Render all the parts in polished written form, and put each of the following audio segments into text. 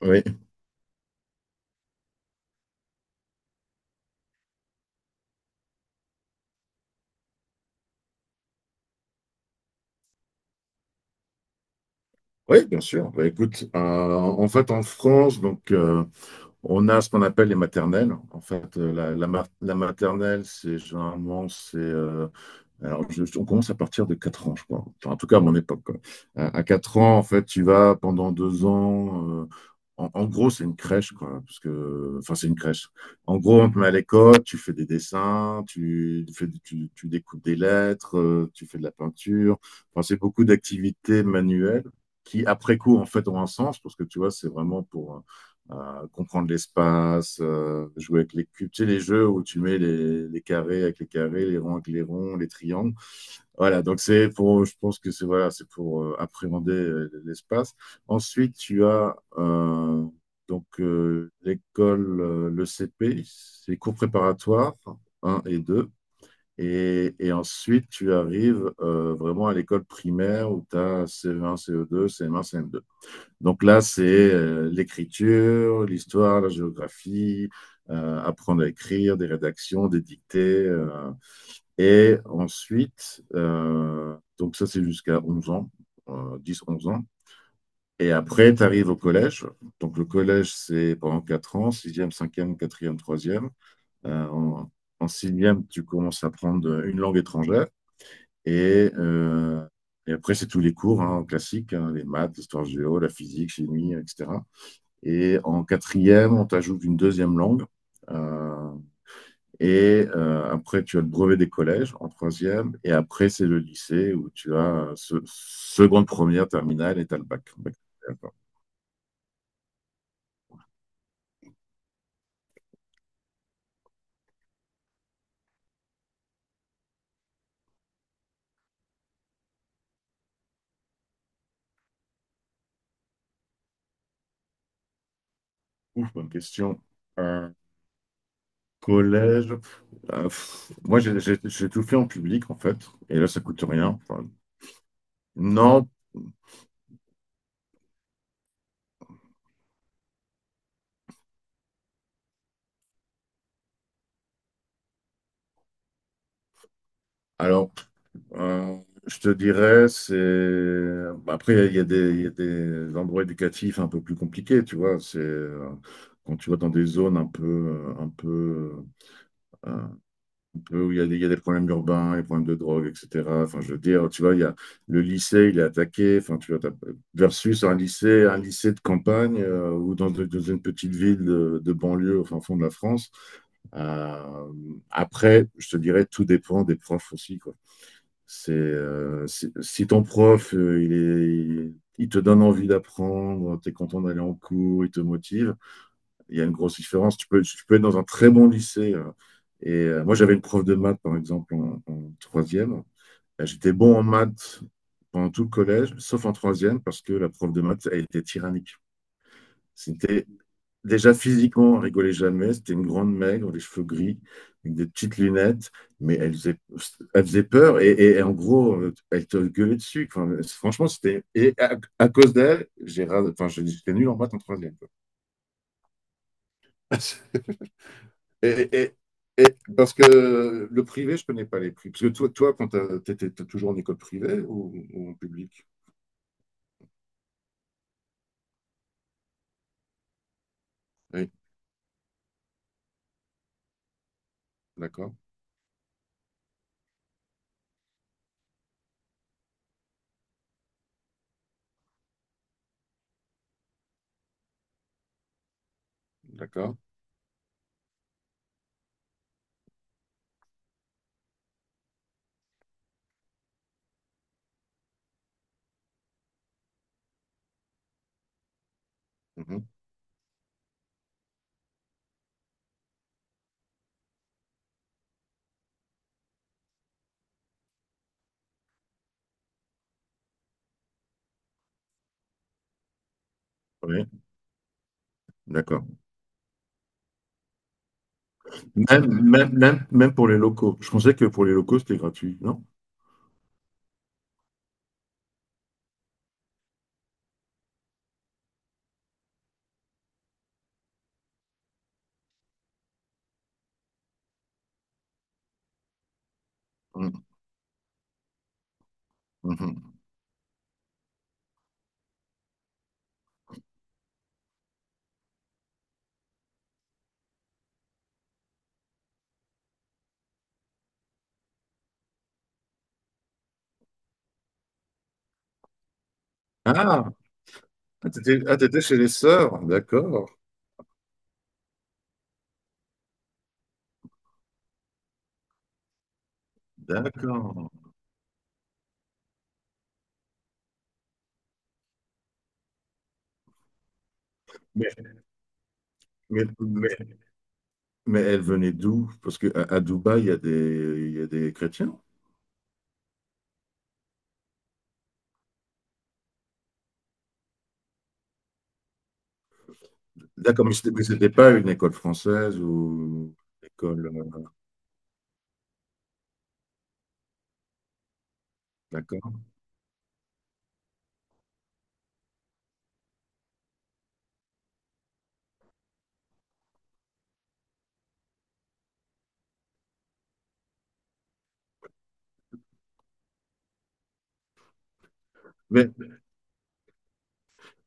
Oui, oui, bien sûr. Bah, écoute, en fait, en France, donc, on a ce qu'on appelle les maternelles. En fait, la maternelle, c'est généralement, c'est alors, on commence à partir de 4 ans, je crois. Enfin, en tout cas, à mon époque, quoi. À 4 ans, en fait, tu vas pendant 2 ans. En gros, c'est une crèche, quoi. Parce que, enfin, c'est une crèche. En gros, on te met à l'école, tu fais des dessins, tu découpes des lettres, tu fais de la peinture. Enfin, c'est beaucoup d'activités manuelles qui, après coup, en fait, ont un sens. Parce que, tu vois, c'est vraiment pour. euh, comprendre l'espace, jouer avec les cubes, tu sais, les jeux où tu mets les carrés avec les carrés, les ronds avec les ronds, les triangles. Voilà, donc c'est pour, je pense que c'est voilà, c'est pour appréhender l'espace. Ensuite, tu as donc l'école, le CP, c'est les cours préparatoires un et deux. Et ensuite, tu arrives vraiment à l'école primaire où tu as CE1, CE2, CM1, CM2. Donc là, c'est l'écriture, l'histoire, la géographie, apprendre à écrire, des rédactions, des dictées. Et ensuite, donc ça, c'est jusqu'à 11 ans, 10-11 ans. Et après, tu arrives au collège. Donc le collège, c'est pendant 4 ans, sixième, cinquième, quatrième, troisième. Euh, en, en 6, tu commences à apprendre une langue étrangère. Et, euh, et après, c'est tous les cours hein, classiques, hein, les maths, l'histoire géo, la physique, chimie, etc. Et en quatrième, on t'ajoute une deuxième langue. Euh, et après, tu as le brevet des collèges en troisième. Et après, c'est le lycée où tu as seconde, première, terminale et tu as le bac. Ouf, bonne question. Un collège. Moi, j'ai tout fait en public, en fait. Et là, ça coûte rien. Enfin, non. Alors, Euh, je te dirais, c'est... Bah, après, il y a des endroits éducatifs un peu plus compliqués, tu vois. C'est quand tu vas dans des zones euh, un peu où il y a des problèmes urbains, des problèmes de drogue, etc. Enfin, je veux dire, tu vois, il y a le lycée, il est attaqué. Enfin, tu vois, versus un lycée, de campagne ou dans une petite ville de banlieue au fin fond de la France. Euh, après, je te dirais, tout dépend des profs aussi, quoi. C'est, si ton prof, il te donne envie d'apprendre, tu es content d'aller en cours, il te motive, il y a une grosse différence. Tu peux être dans un très bon lycée. Et moi, j'avais une prof de maths, par exemple, en, en troisième. J'étais bon en maths pendant tout le collège, sauf en troisième, parce que la prof de maths, elle était tyrannique. C'était Déjà physiquement, elle rigolait jamais. C'était une grande maigre, les cheveux gris, avec des petites lunettes, mais elle faisait peur et, et en gros, elle te gueulait dessus. Enfin, franchement, c'était. Et à cause d'elle, enfin, j'étais nul en maths en troisième, quoi. Et, et- et parce que le privé, je connais pas les prix. Parce que toi, quand tu étais toujours en école privée ou en public? Oui, d'accord, d'accord. Mhm. Oui, d'accord. Même, même, même, même pour les locaux. Je pensais que pour les locaux, c'était gratuit, non? Mhm. Mhm. Ah, ah, t'étais chez les sœurs, d'accord. D'accord. Mais, mais, mais, mais elle venait d'où? Parce qu'à à Dubaï, il y a des chrétiens. D'accord, mais c'était pas une école française ou école. D'accord. Mais,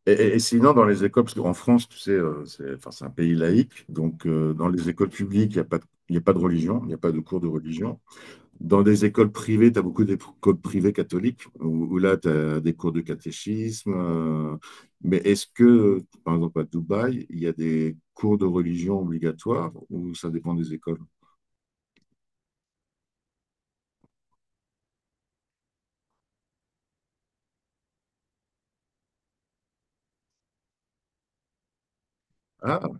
et sinon, dans les écoles, parce qu'en France, tu sais, c'est enfin, c'est un pays laïque, donc dans les écoles publiques, il n'y a pas, il y a pas de religion, il n'y a pas de cours de religion. Dans des écoles privées, tu as beaucoup d'écoles privées catholiques, où là, tu as des cours de catéchisme. Mais est-ce que, par exemple, à Dubaï, il y a des cours de religion obligatoires ou ça dépend des écoles? Ah,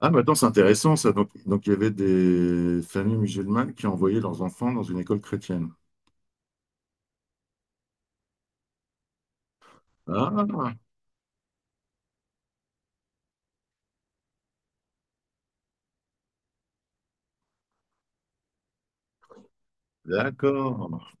ah, maintenant, c'est intéressant, ça. Donc, il y avait des familles musulmanes qui envoyaient leurs enfants dans une école chrétienne. Ah, d'accord.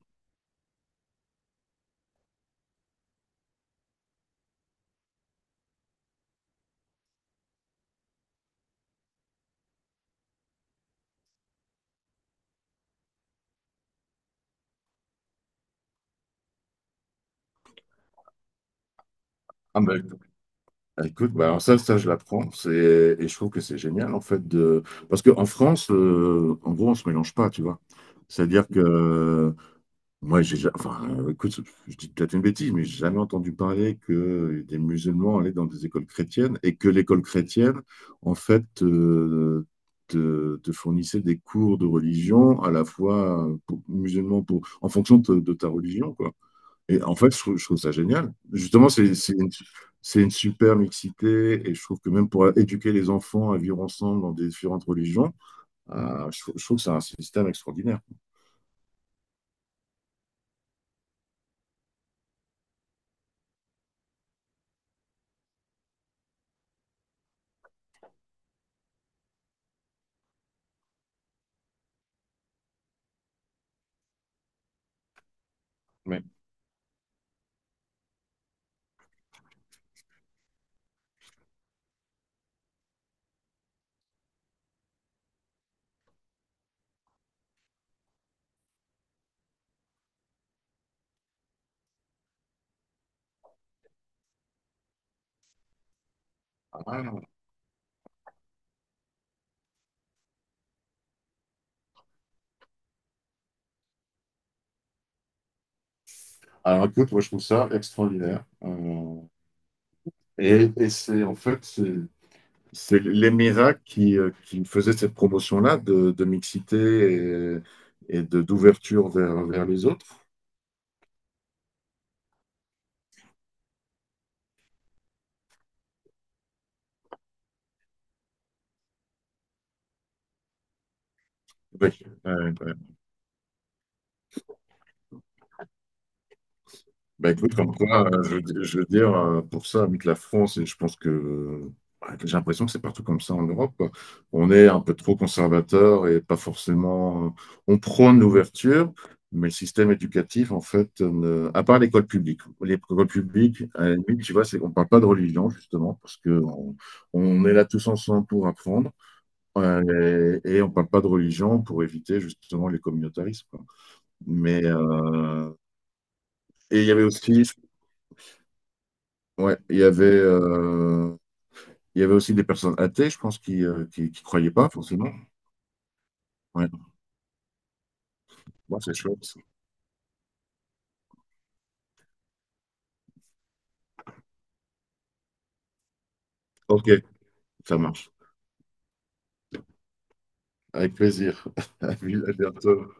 Ah, ben, ah, écoute, bah alors ça, je l'apprends. C'est, et je trouve que c'est génial, en fait, de, parce qu'en France, en gros, on se mélange pas, tu vois. C'est-à-dire que, moi, enfin, écoute, je dis peut-être une bêtise, mais j'ai jamais entendu parler que des musulmans allaient dans des écoles chrétiennes et que l'école chrétienne, en fait, te fournissait des cours de religion à la fois pour, musulmans pour, en fonction de ta religion, quoi. Et en fait, je trouve ça génial. Justement, c'est une super mixité et je trouve que même pour éduquer les enfants à vivre ensemble dans des différentes religions, je trouve que c'est un système extraordinaire. Ouais. Ah. Alors écoute, moi je trouve ça extraordinaire. Et c'est en fait, c'est les miracles qui faisaient cette promotion-là de mixité et d'ouverture vers les autres. Oui. Bah écoute, comme quoi, je veux dire, pour ça, avec la France, et je pense que j'ai l'impression que c'est partout comme ça en Europe, quoi. On est un peu trop conservateur et pas forcément. On prône l'ouverture, mais le système éducatif, en fait, à part l'école publique. L'école publique, à la limite, tu vois, c'est qu'on ne parle pas de religion, justement, parce que on est là tous ensemble pour apprendre, et on ne parle pas de religion pour éviter, justement, les communautarismes, quoi. Mais. Et il y avait aussi. Ouais, il y avait aussi des personnes athées, je pense, qui croyaient pas forcément. Ouais, bon, c'est chouette. Ok, ça marche. Avec plaisir. À bientôt.